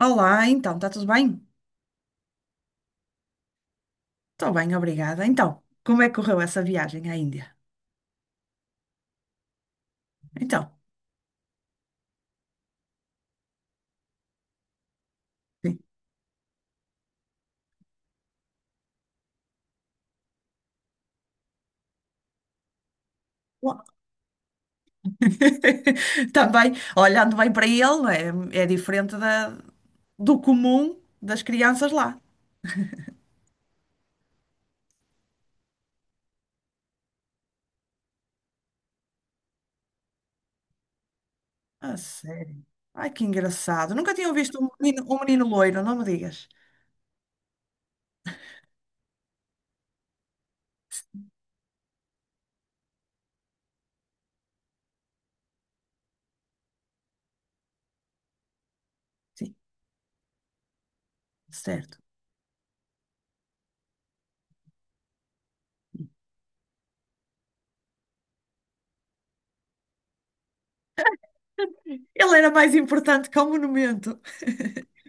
Olá, então, está tudo bem? Estou bem, obrigada. Então, como é que correu essa viagem à Índia? Então, sim. Ó. Também, olhando bem para ele, não é, é diferente do comum das crianças lá. A sério. Ai, que engraçado. Nunca tinha visto um menino loiro, não me digas. Sim, certo. Ele era mais importante que o monumento.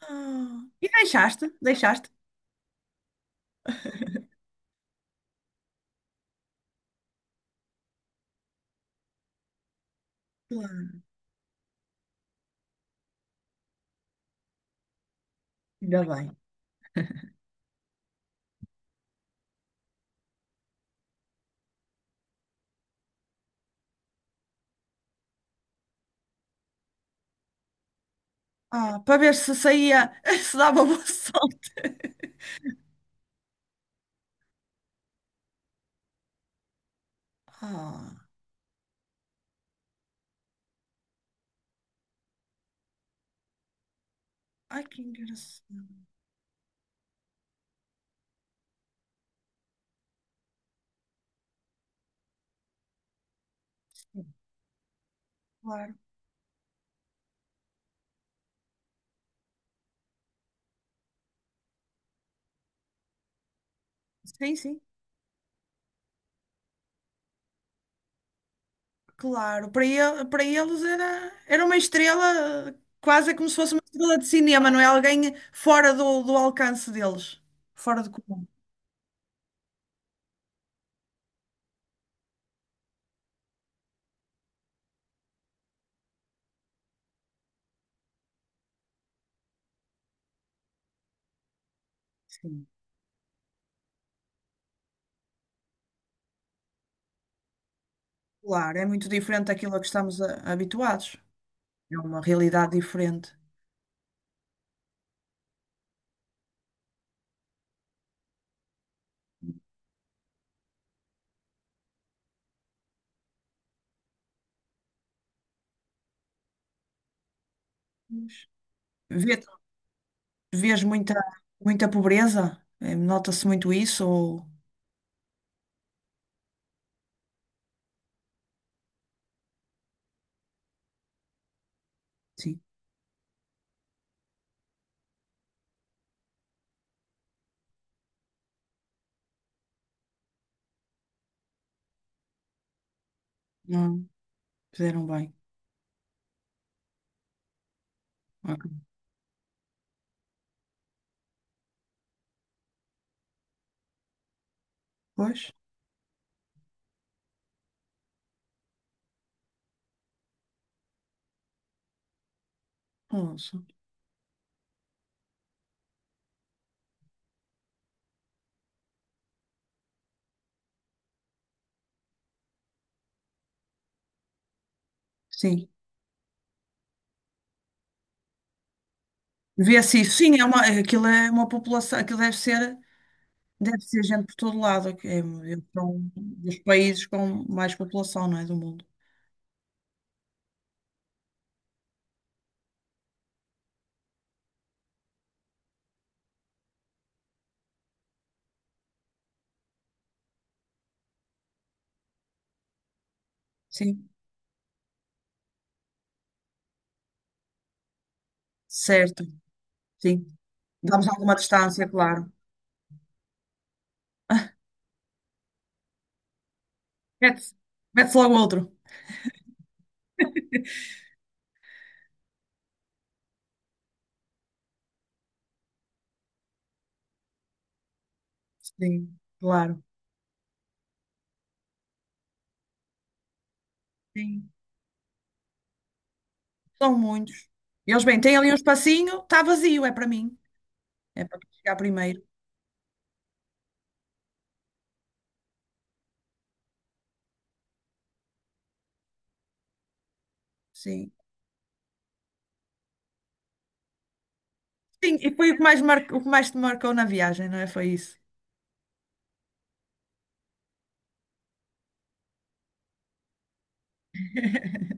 Ah, e deixaste, deixaste. Claro. Ainda bem. Ah, para ver se saía, se dava boa sorte. Ah, ai que engraçado. Sim, claro. Sim, sim, claro. Para ele, para eles era, uma estrela, quase é como se fosse uma estrela de cinema, não é? Alguém fora do alcance deles, fora do comum. Sim. Claro, é muito diferente daquilo a que estamos habituados. É uma realidade diferente. Pois. Vê, vês muita, pobreza? Nota-se muito isso? Ou... Sim. Fizeram bem. Ok. Pois, ouço. Sim. Vê-se isso. Sim, é uma, aquilo é uma população, aquilo deve ser gente por todo lado, que é um dos países com mais população, não é, do mundo. Sim, certo. Sim. Damos alguma distância, claro. Mete-se mete-se logo outro. Sim, claro. Sim. São muitos. Eles, bem, têm ali um espacinho, está vazio, é para mim. É para chegar primeiro. Sim. Sim, e foi o que mais te marcou na viagem, não é? Foi isso.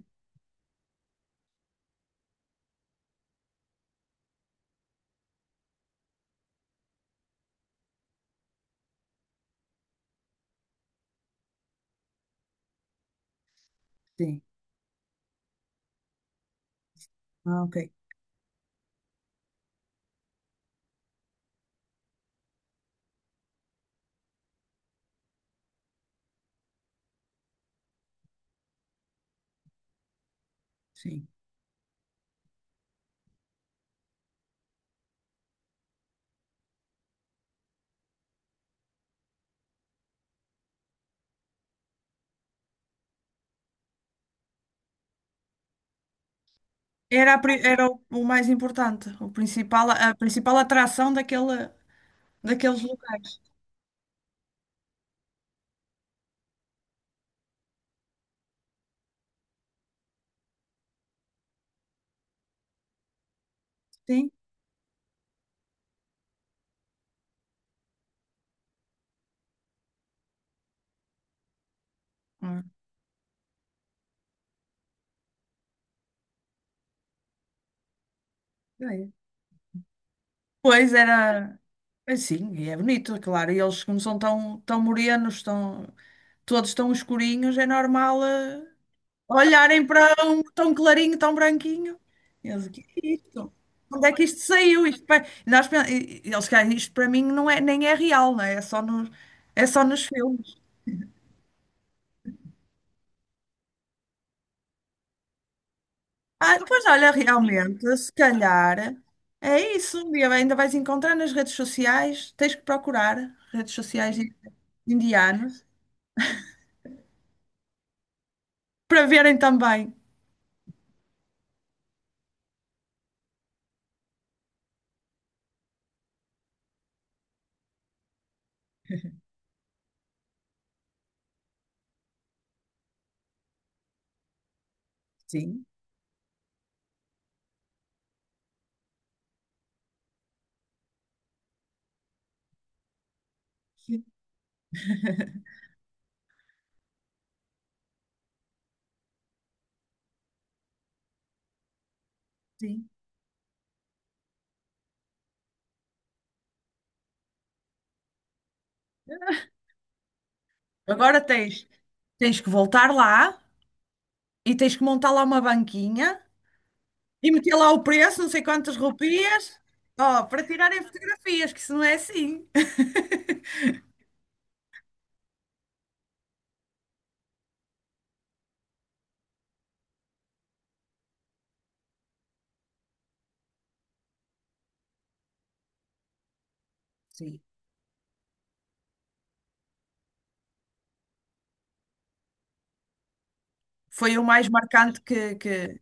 Sim. Ah, ok. Sim. Era o mais importante, o principal, a principal atração daquele, daqueles locais. Sim. Ah, ok. Pois era, sim, e é bonito, claro. E eles, como são tão, tão morenos, tão, todos tão escurinhos, é normal, olharem para um tão clarinho, tão branquinho. Eles, o que é isto? Onde é que isto saiu? Isto, nós, eles, "Cara, isto para mim não é, nem é real, não é? É só nos filmes. Ah, pois olha, realmente, se calhar é isso. Um dia ainda vais encontrar nas redes sociais, tens que procurar redes sociais indianas para verem também. Sim, sim, sim. Agora tens que voltar lá e tens que montar lá uma banquinha e meter lá o preço, não sei quantas rupias, ó, para tirarem fotografias, que isso não é assim. Sim. Foi o mais marcante que...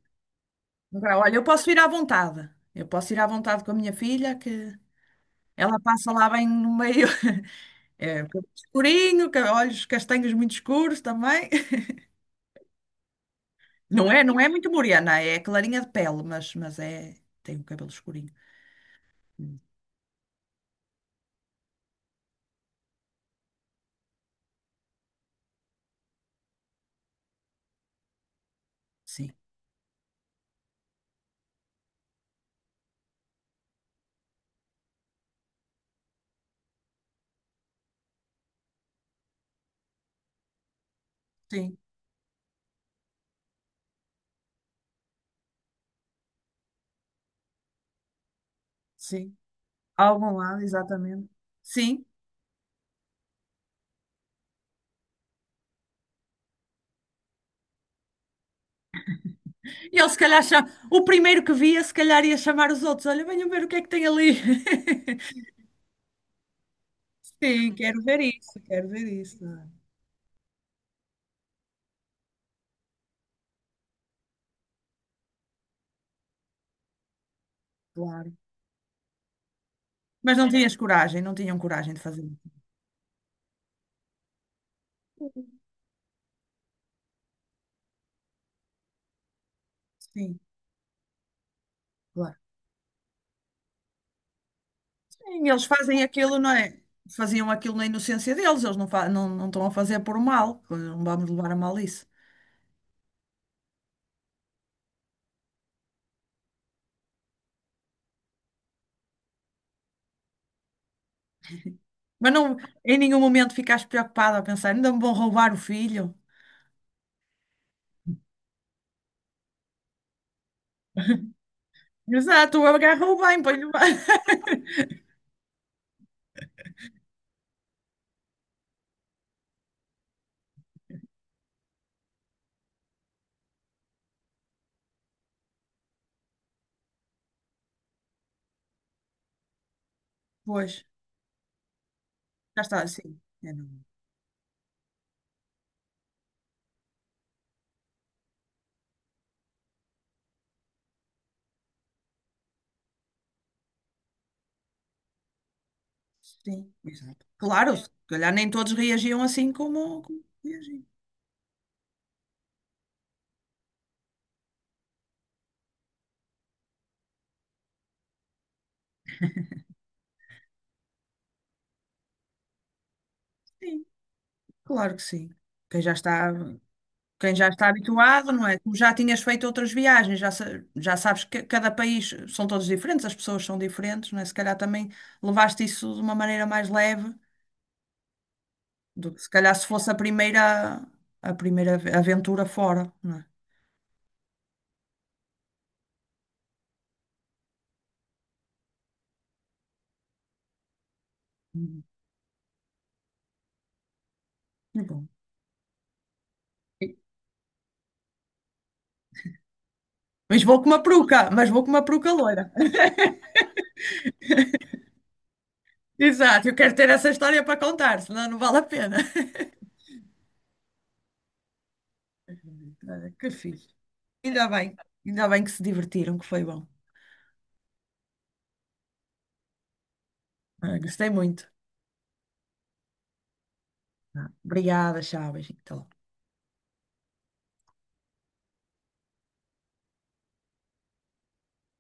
Agora, olha, eu posso ir à vontade. Eu posso ir à vontade com a minha filha, que Ela passa lá bem no meio, é, cabelo escurinho, olhos castanhos muito escuros também. Não é muito morena, é clarinha de pele, mas é, tem o cabelo escurinho. Hum, Sim, sim, sim. Algum lado, exatamente. Sim. E ele se calhar, o primeiro que via, se calhar ia chamar os outros. Olha, venham ver o que é que tem ali. Sim, quero ver isso, quero ver isso. Claro. Mas não tinhas coragem, não tinham coragem de fazer isso. Sim, claro. Sim, eles fazem aquilo, não é? Faziam aquilo na inocência deles, eles não, não, não estão a fazer por mal, não vamos levar a mal isso. Mas não, em nenhum momento ficaste preocupada a pensar, ainda me vão roubar o filho. Exato, agarrou bem, põe-lhe bem. Pois, já está, sim. É, não- Sim, exato. Claro, se calhar nem todos reagiam assim como reagiam. Sim, claro que sim. Quem já está. Quem já está habituado, não é? Tu já tinhas feito outras viagens, já sabes que cada país são todos diferentes, as pessoas são diferentes, não é? Se calhar também levaste isso de uma maneira mais leve do que se calhar se fosse a primeira, aventura fora, não é? Uhum. E bom. E- Mas vou com uma peruca, mas vou com uma peruca loira. Exato, eu quero ter essa história para contar, senão não vale a pena. Olha, que fixe. Ainda bem, ainda bem que se divertiram, que foi bom. Ah, gostei muito. Obrigada, Chaves. Até logo.